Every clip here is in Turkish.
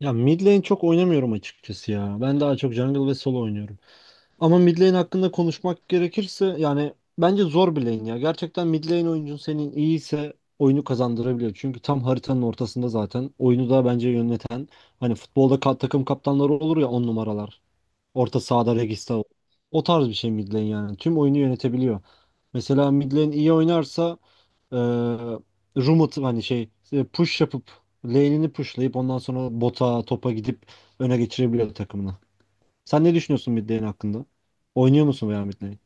Ya, mid lane çok oynamıyorum açıkçası ya. Ben daha çok jungle ve solo oynuyorum. Ama mid lane hakkında konuşmak gerekirse yani bence zor bir lane ya. Gerçekten mid lane oyuncun senin iyiyse oyunu kazandırabiliyor. Çünkü tam haritanın ortasında zaten oyunu da bence yöneten, hani futbolda takım kaptanları olur ya, on numaralar. Orta sahada Regista, O tarz bir şey mid lane yani. Tüm oyunu yönetebiliyor. Mesela mid lane iyi oynarsa, e, roam atıp, hani şey, push yapıp, lane'ini pushlayıp ondan sonra bota, topa gidip öne geçirebiliyor takımını. Sen ne düşünüyorsun mid lane hakkında? Oynuyor musun veya mid lane?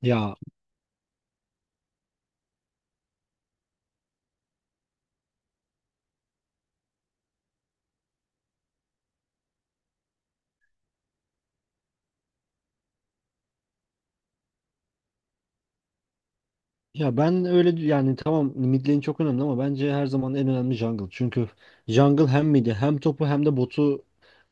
Ya Ya ben öyle yani, tamam, mid lane çok önemli ama bence her zaman en önemli jungle. Çünkü jungle hem mid'i hem topu hem de botu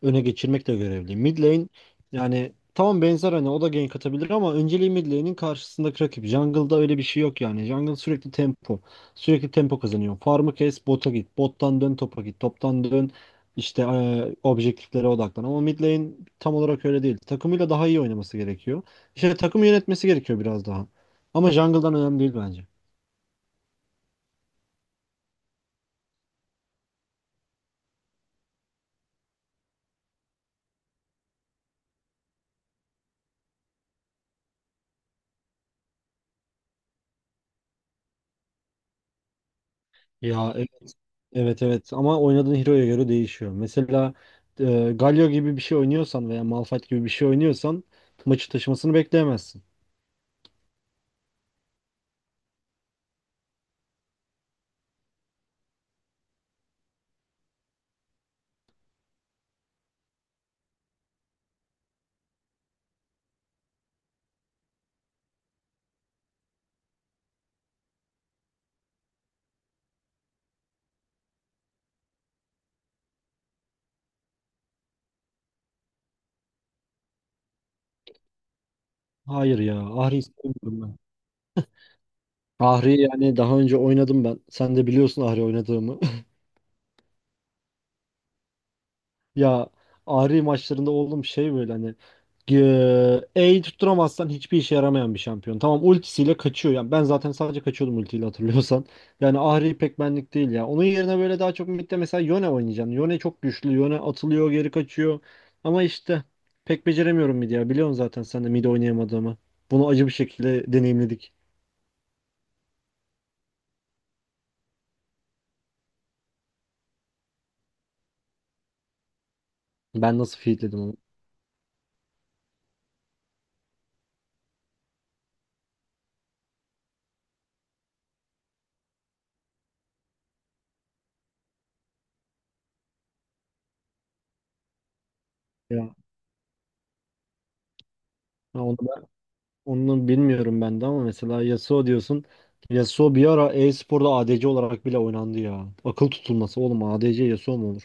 öne geçirmekle görevli. Mid lane, yani tamam, benzer hani, o da gank atabilir ama önceliği mid lane'in karşısındaki rakip. Jungle'da öyle bir şey yok yani. Jungle sürekli tempo. Sürekli tempo kazanıyor. Farm'ı kes, bota git. Bottan dön topa git. Toptan dön işte objektiflere odaklan. Ama mid lane tam olarak öyle değil. Takımıyla daha iyi oynaması gerekiyor. İşte takım yönetmesi gerekiyor biraz daha. Ama jungle'dan önemli değil bence. Ya, evet. Evet, evet, ama oynadığın hero'ya göre değişiyor. Mesela Galio gibi bir şey oynuyorsan veya Malphite gibi bir şey oynuyorsan maçı taşımasını bekleyemezsin. Hayır ya, Ahri istemiyorum ben. Ahri, yani daha önce oynadım ben. Sen de biliyorsun Ahri oynadığımı. Ya, Ahri maçlarında oğlum şey, böyle hani E'yi tutturamazsan hiçbir işe yaramayan bir şampiyon. Tamam, ultisiyle kaçıyor. Yani ben zaten sadece kaçıyordum ultiyle, hatırlıyorsan. Yani Ahri pek benlik değil ya. Onun yerine böyle, daha çok midde mesela Yone oynayacaksın. Yone çok güçlü. Yone atılıyor, geri kaçıyor. Ama işte pek beceremiyorum midi ya. Biliyorsun zaten sen de mid oynayamadığımı. Bunu acı bir şekilde deneyimledik. Ben nasıl feedledim onu. Ya, onu Onu bilmiyorum ben de ama mesela Yasuo diyorsun. Yasuo bir ara e-sporda ADC olarak bile oynandı ya. Akıl tutulması oğlum, ADC Yasuo mu olur?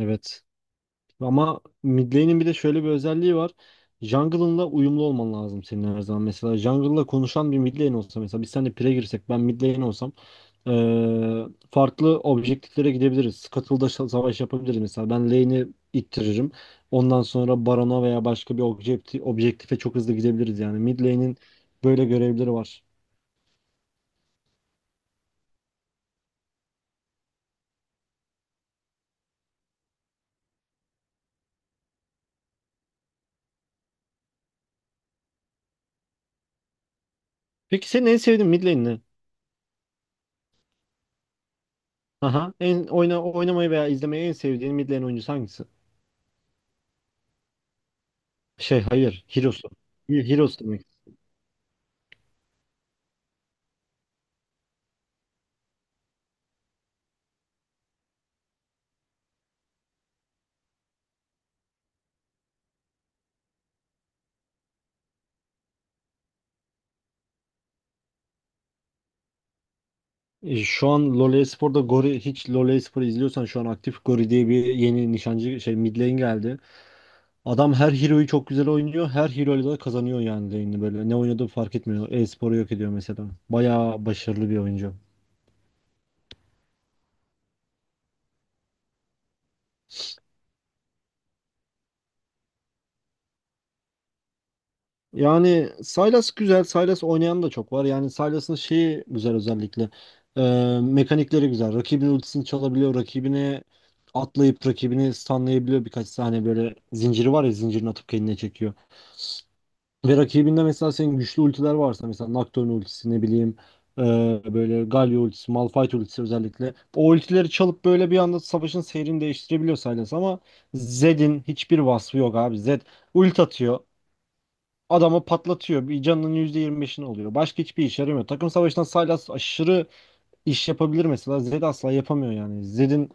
Evet. Ama mid lane'in bir de şöyle bir özelliği var. Jungle'ınla uyumlu olman lazım senin her zaman. Mesela jungle'la konuşan bir mid lane olsa, mesela biz seninle pire girsek, ben mid lane olsam, Ee, farklı objektiflere gidebiliriz. Scuttle'da savaş yapabiliriz mesela. Ben lane'i ittiririm. Ondan sonra Baron'a veya başka bir objektife çok hızlı gidebiliriz yani. Mid lane'in böyle görevleri var. Peki senin en sevdiğin mid lane ne? Aha. En oynamayı veya izlemeyi en sevdiğin mid lane oyuncusu hangisi? Şey, hayır, Heroes'u. Heroes demek. Şu an LoL Espor'da Gori, hiç LoL Espor'u izliyorsan, şu an aktif Gori diye bir yeni nişancı şey mid lane geldi. Adam her hero'yu çok güzel oynuyor. Her hero'yla da kazanıyor yani lane'i böyle. Ne oynadığı fark etmiyor. E-sporu yok ediyor mesela. Bayağı başarılı bir oyuncu. Yani Sylas güzel. Sylas oynayan da çok var. Yani Sylas'ın şeyi güzel özellikle. Mekanikleri güzel. Rakibin ultisini çalabiliyor. Rakibine atlayıp rakibini stunlayabiliyor birkaç saniye, böyle zinciri var ya, zincirini atıp kendine çekiyor. Ve rakibinde mesela senin güçlü ultiler varsa, mesela Nocturne ultisi, ne bileyim, e, böyle Galio ultisi, Malphite ultisi özellikle. O ultileri çalıp böyle bir anda savaşın seyrini değiştirebiliyor Sylas, ama Zed'in hiçbir vasfı yok abi. Zed ult atıyor. Adamı patlatıyor. Bir canının %25'ini oluyor. Başka hiçbir işe yaramıyor. Takım savaşında Sylas aşırı iş yapabilir mesela. Zed asla yapamıyor yani. Zed'in,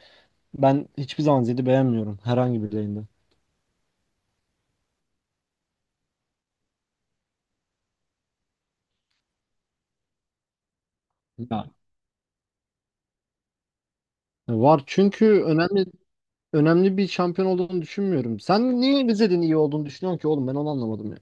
ben hiçbir zaman Zed'i beğenmiyorum herhangi bir lane'de. Ya, var, çünkü önemli bir şampiyon olduğunu düşünmüyorum. Sen niye Rize'nin iyi olduğunu düşünüyorsun ki oğlum, ben onu anlamadım ya.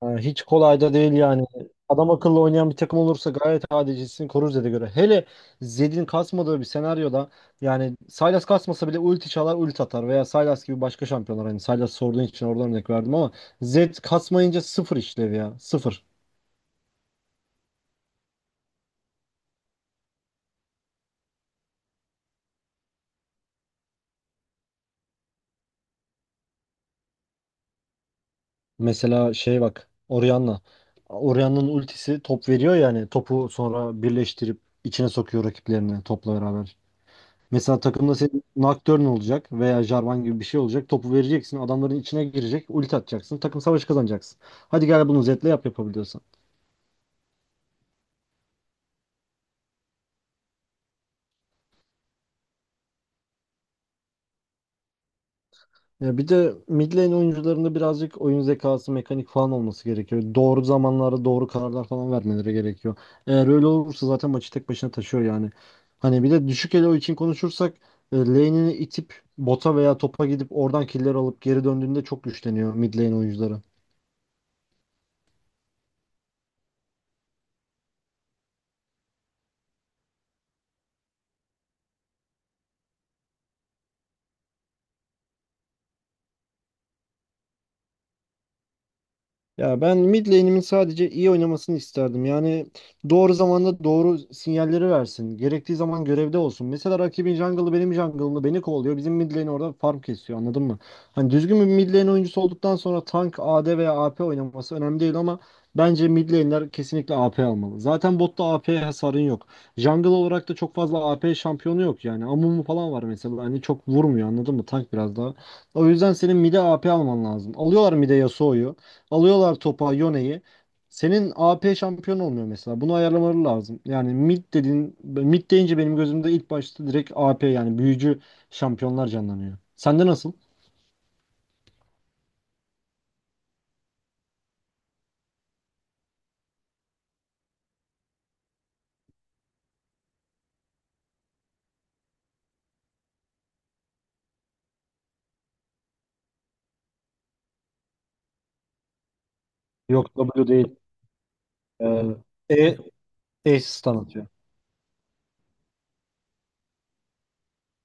Ha, hiç kolay da değil yani. Adam akıllı oynayan bir takım olursa gayet adilcisini korur Zed'e göre. Hele Zed'in kasmadığı bir senaryoda, yani Sylas kasmasa bile ulti çalar, ulti atar, veya Sylas gibi başka şampiyonlar, hani Sylas sorduğun için oradan örnek verdim ama Zed kasmayınca sıfır işlev, ya, sıfır. Mesela şey, bak, Orianna. Orianna'nın ultisi top veriyor, yani topu sonra birleştirip içine sokuyor rakiplerini topla beraber. Mesela takımda senin Nocturne olacak veya Jarvan gibi bir şey olacak. Topu vereceksin, adamların içine girecek, ulti atacaksın, takım savaşı kazanacaksın. Hadi gel bunu Zed'le yap, yapabiliyorsan. Ya bir de mid lane oyuncularında birazcık oyun zekası, mekanik falan olması gerekiyor. Doğru zamanlarda doğru kararlar falan vermeleri gerekiyor. Eğer öyle olursa zaten maçı tek başına taşıyor yani. Hani bir de düşük elo için konuşursak, lane'ini itip bota veya topa gidip oradan killer alıp geri döndüğünde çok güçleniyor mid lane oyuncuları. Ya, ben mid lane'imin sadece iyi oynamasını isterdim. Yani doğru zamanda doğru sinyalleri versin. Gerektiği zaman görevde olsun. Mesela rakibin jungle'ı benim jungle'ımı, beni kovalıyor. Bizim mid lane orada farm kesiyor, anladın mı? Hani düzgün bir mid lane oyuncusu olduktan sonra tank, AD veya AP oynaması önemli değil, ama bence mid lane'ler kesinlikle AP almalı. Zaten botta AP hasarın yok. Jungle olarak da çok fazla AP şampiyonu yok yani. Amumu falan var mesela. Hani çok vurmuyor, anladın mı? Tank biraz daha. O yüzden senin mid'e AP alman lazım. Alıyorlar mid'e Yasuo'yu. Alıyorlar topa Yone'yi. Senin AP şampiyon olmuyor mesela. Bunu ayarlamaları lazım. Yani mid dediğin, mid deyince benim gözümde ilk başta direkt AP, yani büyücü şampiyonlar canlanıyor. Sende nasıl? Yok, W değil. Ee, E, E stun atıyor.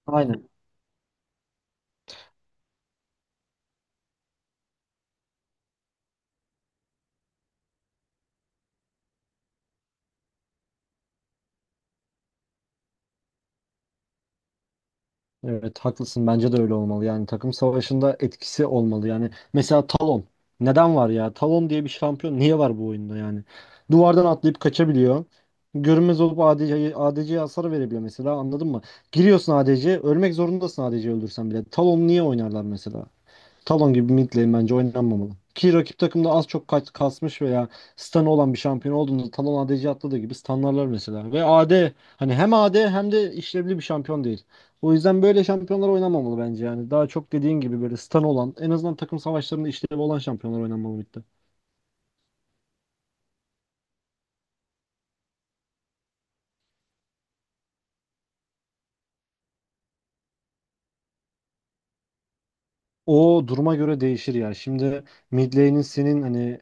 Aynen. Evet, haklısın, bence de öyle olmalı, yani takım savaşında etkisi olmalı. Yani mesela Talon, neden var ya Talon diye bir şampiyon, niye var bu oyunda yani? Duvardan atlayıp kaçabiliyor, görünmez olup ADC'ye hasar verebiliyor mesela, anladın mı? Giriyorsun ADC'ye, ölmek zorundasın, ADC'yi öldürsen bile. Talon niye oynarlar mesela? Talon gibi mid lane bence oynanmamalı. Ki rakip takımda az çok kaç kasmış veya stun'ı olan bir şampiyon olduğunda Talon ADC atladığı gibi stunlarlar mesela. Ve AD, hani hem AD hem de işlevli bir şampiyon değil. O yüzden böyle şampiyonlar oynanmamalı bence yani. Daha çok dediğin gibi böyle stun olan, en azından takım savaşlarında işlevi olan şampiyonlar oynanmalı midde. O duruma göre değişir ya. Şimdi mid lane'in senin, hani,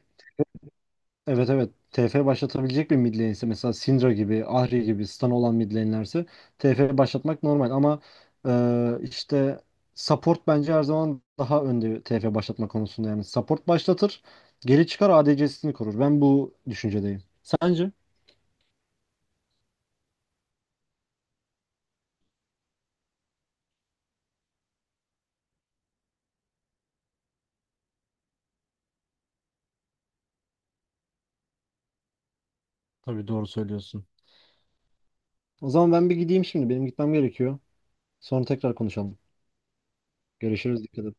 evet, evet. TF başlatabilecek bir mid lane'se, mesela Syndra gibi, Ahri gibi, stun olan mid lane'lerse TF başlatmak normal ama, işte, support bence her zaman daha önde TF başlatma konusunda yani. Support başlatır, geri çıkar, ADC'sini korur. Ben bu düşüncedeyim. Sence? Tabii, doğru söylüyorsun. O zaman ben bir gideyim şimdi. Benim gitmem gerekiyor. Sonra tekrar konuşalım. Görüşürüz. Dikkat et.